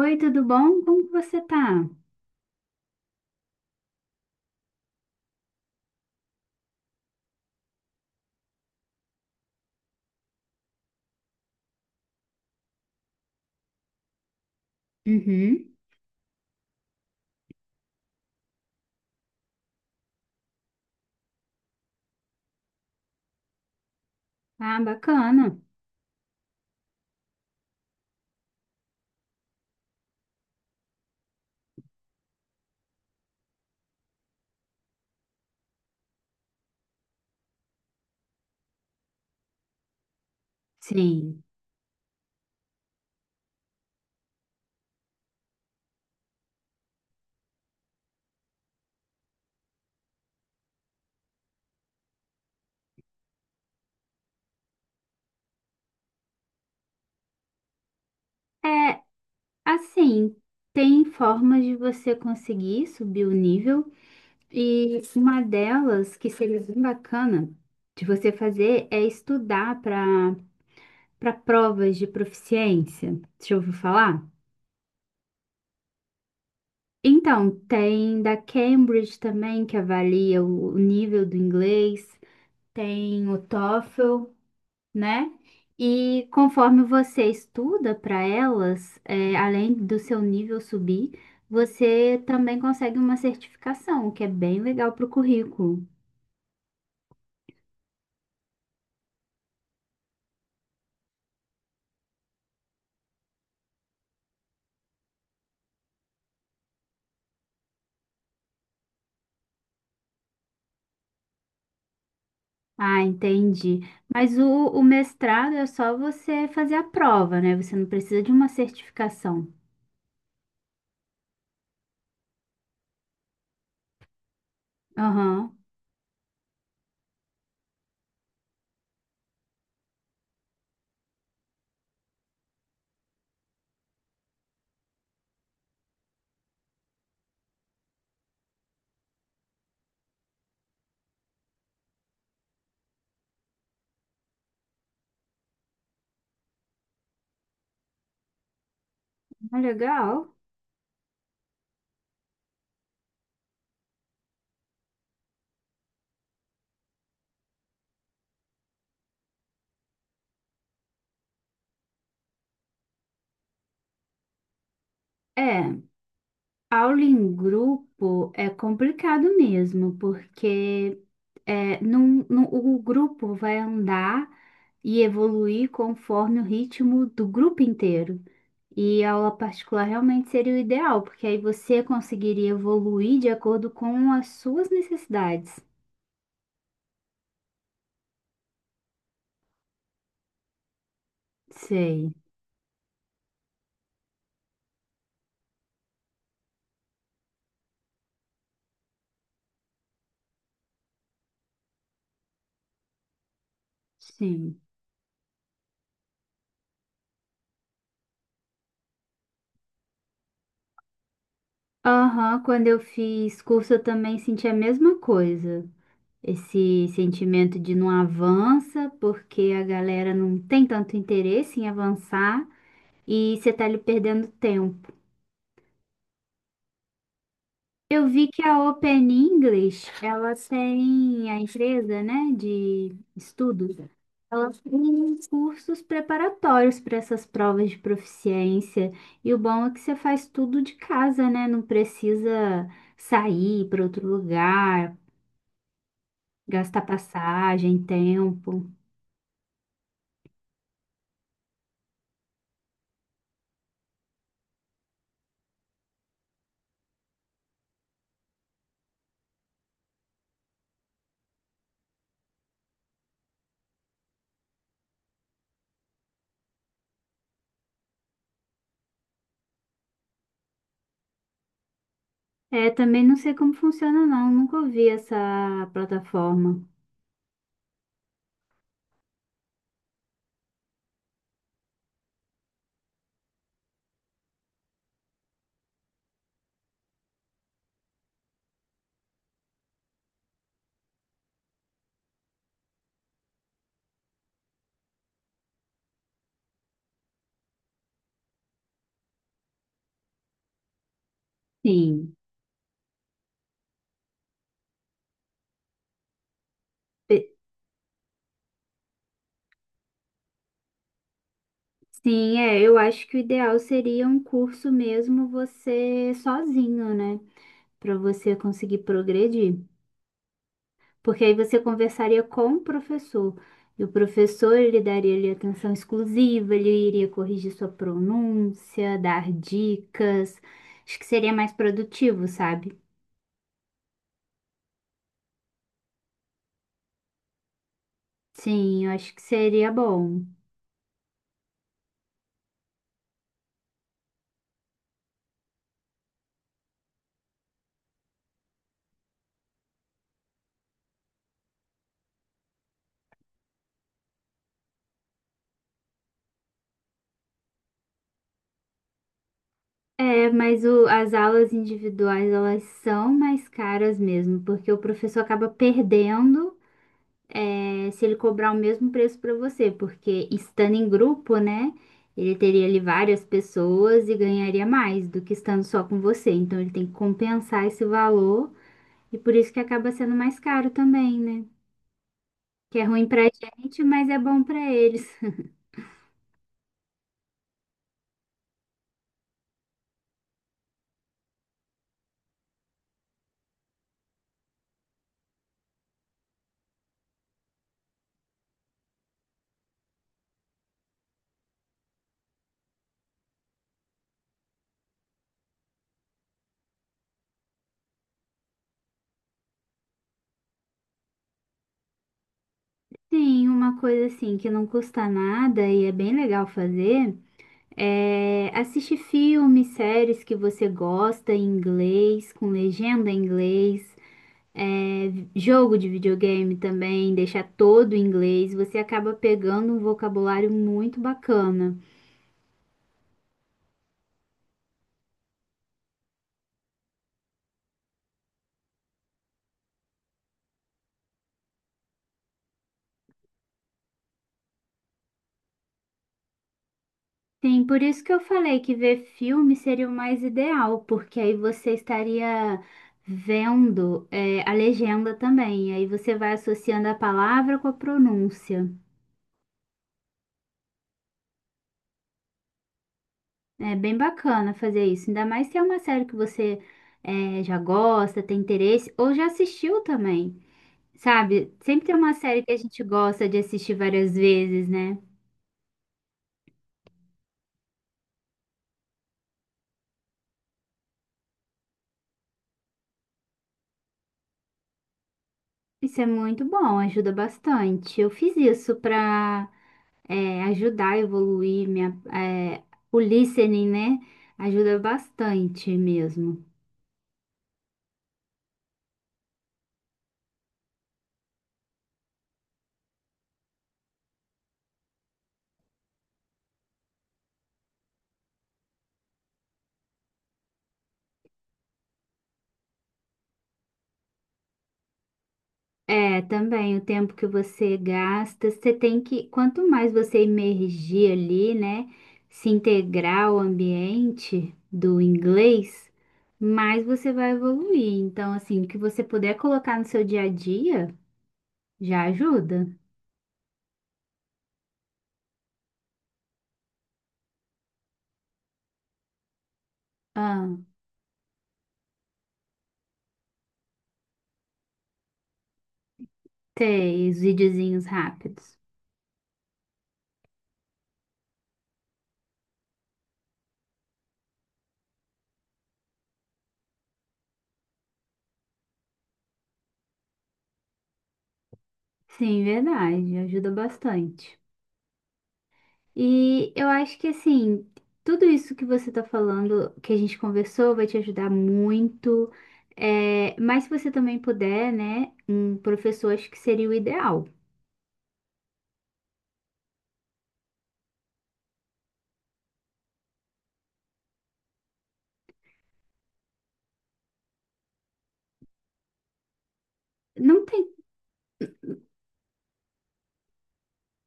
Oi, tudo bom? Como que você tá? Uhum. Ah, bacana. Sim. É, assim, tem formas de você conseguir subir o nível e uma delas que seria bem bacana de você fazer é estudar para provas de proficiência. Deixa eu ouvir falar? Então, tem da Cambridge também que avalia o nível do inglês, tem o TOEFL, né? E conforme você estuda para elas, além do seu nível subir, você também consegue uma certificação, o que é bem legal para o currículo. Ah, entendi. Mas o mestrado é só você fazer a prova, né? Você não precisa de uma certificação. Aham, ah, legal. É, aula em grupo é complicado mesmo, porque é, o grupo vai andar e evoluir conforme o ritmo do grupo inteiro. E a aula particular realmente seria o ideal, porque aí você conseguiria evoluir de acordo com as suas necessidades. Sei, sim. Aham, quando eu fiz curso eu também senti a mesma coisa. Esse sentimento de não avança, porque a galera não tem tanto interesse em avançar e você tá ali perdendo tempo. Eu vi que a Open English, ela tem a empresa, né, de estudos. Ela tem cursos preparatórios para essas provas de proficiência. E o bom é que você faz tudo de casa, né? Não precisa sair para outro lugar, gastar passagem, tempo. É, também não sei como funciona, não. Nunca ouvi essa plataforma. Sim. Sim, é, eu acho que o ideal seria um curso mesmo você sozinho, né? Para você conseguir progredir. Porque aí você conversaria com o professor. E o professor, ele daria ali atenção exclusiva, ele iria corrigir sua pronúncia, dar dicas. Acho que seria mais produtivo, sabe? Sim, eu acho que seria bom. É, mas as aulas individuais, elas são mais caras mesmo, porque o professor acaba perdendo, é, se ele cobrar o mesmo preço para você, porque estando em grupo, né, ele teria ali várias pessoas e ganharia mais do que estando só com você. Então ele tem que compensar esse valor e por isso que acaba sendo mais caro também, né? Que é ruim pra gente, mas é bom pra eles. Sim, uma coisa assim que não custa nada e é bem legal fazer é assistir filmes, séries que você gosta em inglês, com legenda em inglês. É, jogo de videogame também, deixar todo em inglês, você acaba pegando um vocabulário muito bacana. Sim, por isso que eu falei que ver filme seria o mais ideal, porque aí você estaria vendo, é, a legenda também, aí você vai associando a palavra com a pronúncia. É bem bacana fazer isso, ainda mais se é uma série que você, já gosta, tem interesse, ou já assistiu também. Sabe, sempre tem uma série que a gente gosta de assistir várias vezes, né? Isso é muito bom, ajuda bastante. Eu fiz isso para ajudar a evoluir minha, é, o listening, né? Ajuda bastante mesmo. É, também o tempo que você gasta, você tem que, quanto mais você emergir ali, né? Se integrar ao ambiente do inglês, mais você vai evoluir. Então, assim, o que você puder colocar no seu dia a dia já ajuda. Ah, ter os videozinhos rápidos. Sim, verdade, ajuda bastante. E eu acho que assim, tudo isso que você tá falando, que a gente conversou, vai te ajudar muito. É, mas se você também puder, né, um professor, acho que seria o ideal. Não tem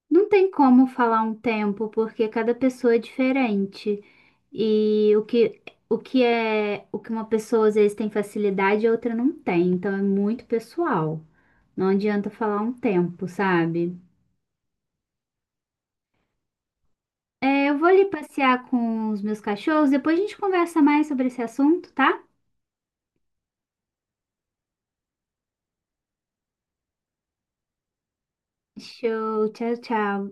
Não tem como falar um tempo, porque cada pessoa é diferente. E o que é, o que uma pessoa às vezes tem facilidade e outra não tem. Então é muito pessoal. Não adianta falar um tempo, sabe? É, eu vou ali passear com os meus cachorros, depois a gente conversa mais sobre esse assunto, tá? Show, tchau, tchau.